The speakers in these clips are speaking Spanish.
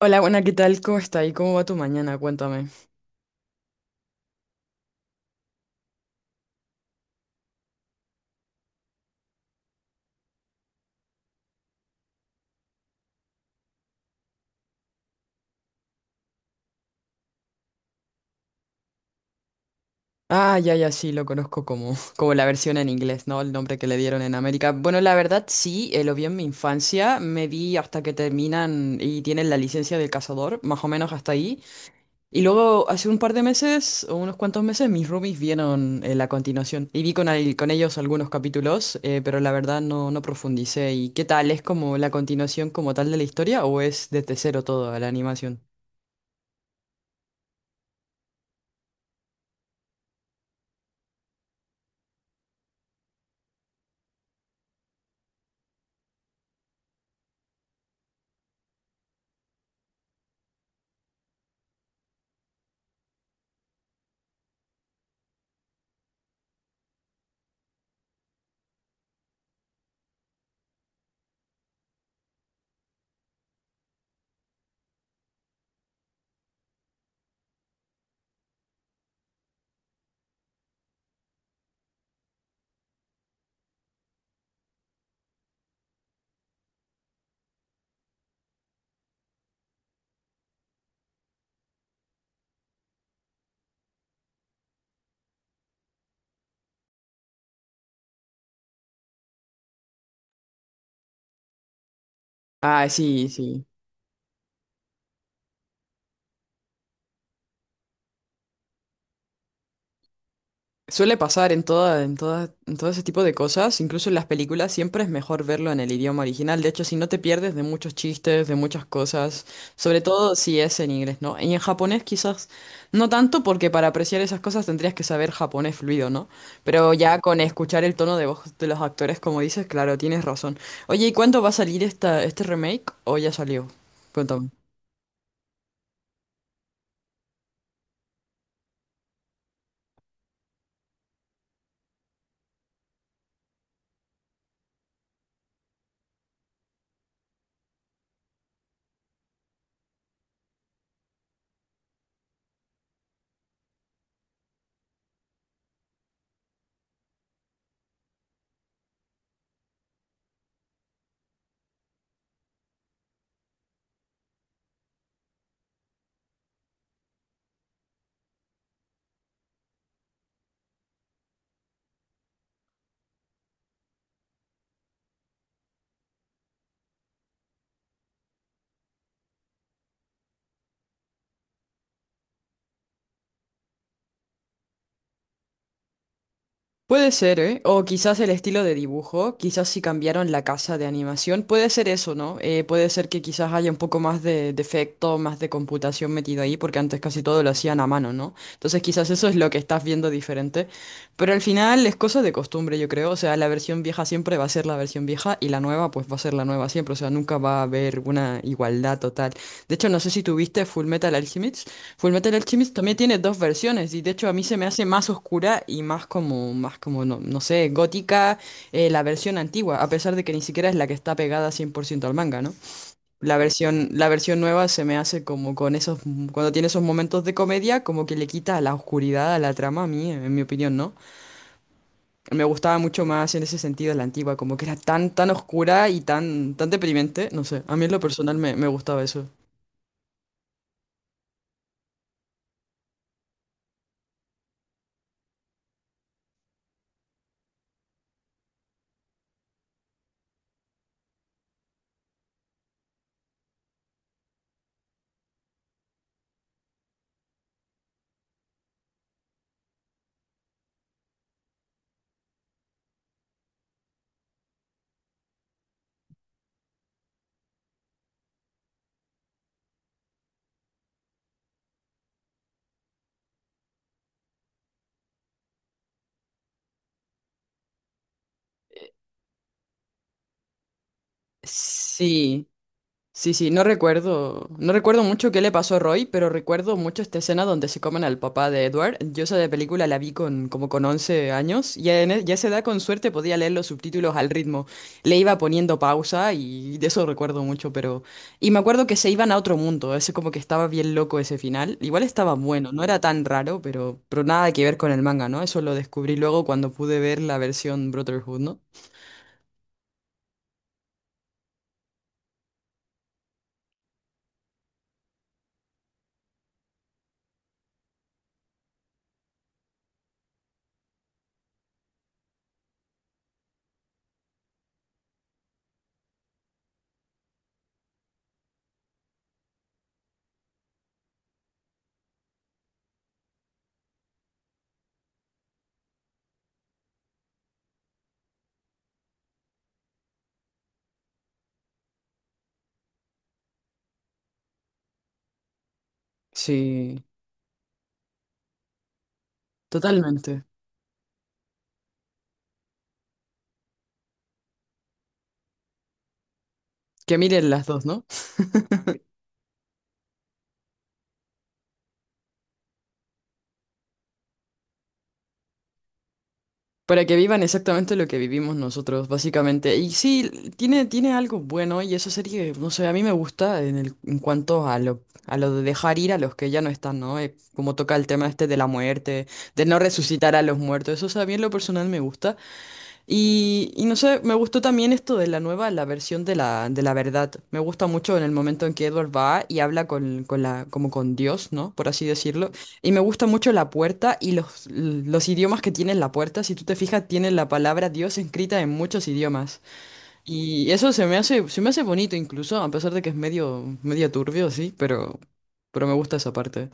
Hola, buena, ¿qué tal? ¿Cómo está? ¿Y cómo va tu mañana? Cuéntame. Ah, ya, ya, sí, lo conozco como, como la versión en inglés, ¿no? El nombre que le dieron en América. Bueno, la verdad, sí, lo vi en mi infancia, me vi hasta que terminan y tienen la licencia del cazador, más o menos hasta ahí. Y luego, hace un par de meses, o unos cuantos meses, mis roomies vieron la continuación. Y vi con ellos algunos capítulos, pero la verdad no profundicé. ¿Y qué tal? ¿Es como la continuación como tal de la historia o es desde cero todo la animación? Ah, sí, sí. Suele pasar en todo ese tipo de cosas, incluso en las películas, siempre es mejor verlo en el idioma original. De hecho, si no te pierdes de muchos chistes, de muchas cosas, sobre todo si es en inglés, ¿no? Y en japonés quizás no tanto, porque para apreciar esas cosas tendrías que saber japonés fluido, ¿no? Pero ya con escuchar el tono de voz de los actores, como dices, claro, tienes razón. Oye, ¿y cuándo va a salir esta, este remake? ¿O ya salió? Cuéntame. Puede ser, ¿eh? O quizás el estilo de dibujo, quizás si cambiaron la casa de animación, puede ser eso, ¿no? Puede ser que quizás haya un poco más de, efecto, más de computación metido ahí, porque antes casi todo lo hacían a mano, ¿no? Entonces quizás eso es lo que estás viendo diferente, pero al final es cosa de costumbre, yo creo, o sea, la versión vieja siempre va a ser la versión vieja y la nueva pues va a ser la nueva siempre, o sea, nunca va a haber una igualdad total. De hecho, no sé si tuviste Full Metal Alchemist. Fullmetal Alchemist también tiene dos versiones y de hecho a mí se me hace más oscura y más como, no, no sé, gótica la versión antigua, a pesar de que ni siquiera es la que está pegada 100% al manga, ¿no? La versión nueva se me hace como con esos, cuando tiene esos momentos de comedia, como que le quita la oscuridad a la trama a mí, en mi opinión, ¿no? Me gustaba mucho más en ese sentido la antigua, como que era tan, tan oscura y tan, tan deprimente, no sé, a mí en lo personal me gustaba eso. Sí, sí, sí, no recuerdo mucho qué le pasó a Roy, pero recuerdo mucho esta escena donde se comen al papá de Edward. Yo esa de película la vi con como con 11 años y en ya a esa edad con suerte podía leer los subtítulos al ritmo. Le iba poniendo pausa y de eso recuerdo mucho, pero... Y me acuerdo que se iban a otro mundo, ese como que estaba bien loco ese final. Igual estaba bueno, no era tan raro, pero nada que ver con el manga, ¿no? Eso lo descubrí luego cuando pude ver la versión Brotherhood, ¿no? Sí, totalmente. Que miren las dos, ¿no? Para que vivan exactamente lo que vivimos nosotros, básicamente. Y sí, tiene algo bueno y esa serie, no sé, a mí me gusta en el, en cuanto a lo de dejar ir a los que ya no están, ¿no? Como toca el tema este de la muerte, de no resucitar a los muertos. Eso, o sea, a mí en lo personal me gusta. Y no sé, me gustó también esto de la nueva, la versión de la, verdad. Me gusta mucho en el momento en que Edward va y habla como con Dios, ¿no? Por así decirlo. Y me gusta mucho la puerta y los idiomas que tiene la puerta. Si tú te fijas, tiene la palabra Dios escrita en muchos idiomas. Y eso se me hace bonito incluso, a pesar de que es medio, medio turbio, sí, pero me gusta esa parte.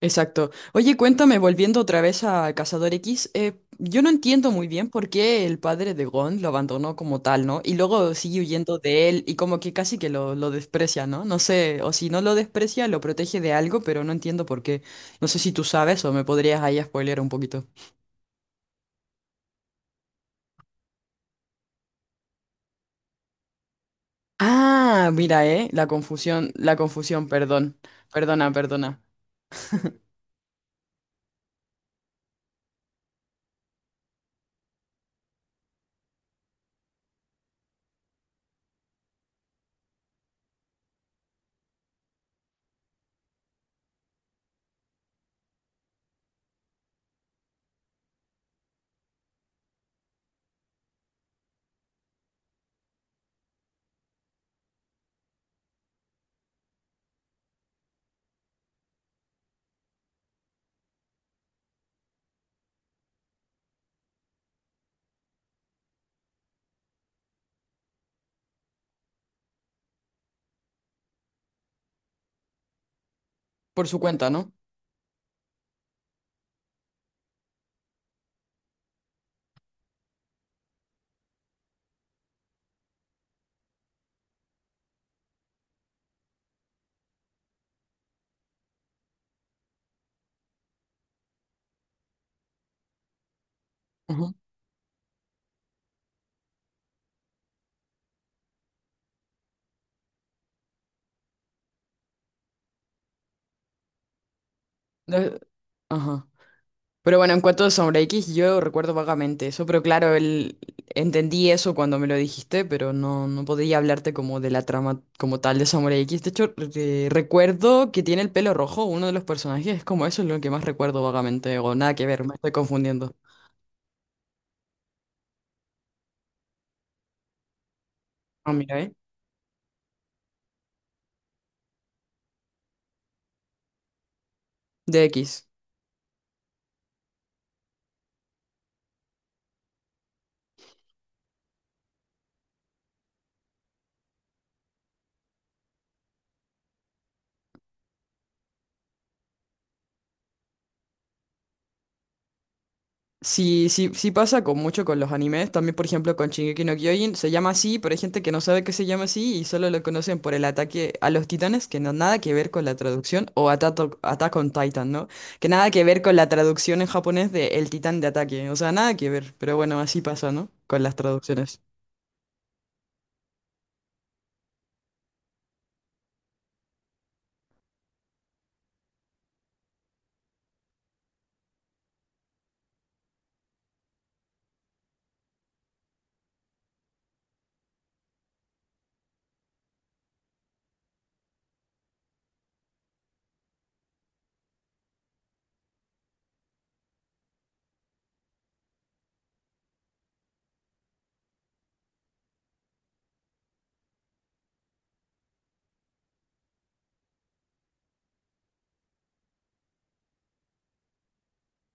Exacto. Oye, cuéntame, volviendo otra vez a Cazador X, yo no entiendo muy bien por qué el padre de Gon lo abandonó como tal, ¿no? Y luego sigue huyendo de él y como que casi que lo desprecia, ¿no? No sé, o si no lo desprecia, lo protege de algo, pero no entiendo por qué. No sé si tú sabes o me podrías ahí spoilear un poquito. Ah, mira, la confusión, perdón. Perdona, perdona. Por su cuenta, ¿no? Ujú. No, ajá. Pero bueno, en cuanto a Sombra X, yo recuerdo vagamente eso, pero claro, entendí eso cuando me lo dijiste, pero no podía hablarte como de la trama como tal de Sombra X. De hecho, recuerdo que tiene el pelo rojo, uno de los personajes, es como eso es lo que más recuerdo vagamente, o nada que ver, me estoy confundiendo. Ah, mira, ¿eh? De X. Sí, sí, sí pasa con mucho con los animes, también por ejemplo con Shingeki no Kyojin, se llama así, pero hay gente que no sabe que se llama así y solo lo conocen por el ataque a los titanes, que no nada que ver con la traducción, o Attack on Titan, ¿no? Que nada que ver con la traducción en japonés de el titán de ataque, o sea, nada que ver, pero bueno, así pasa, ¿no? Con las traducciones.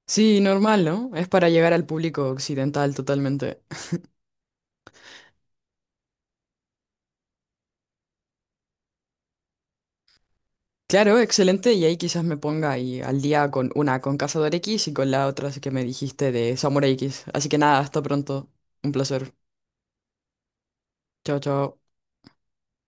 Sí, normal, ¿no? Es para llegar al público occidental totalmente. Claro, excelente. Y ahí quizás me ponga ahí al día con Cazador X y con la otra que me dijiste de Samurai X. Así que nada, hasta pronto. Un placer. Chao, chao.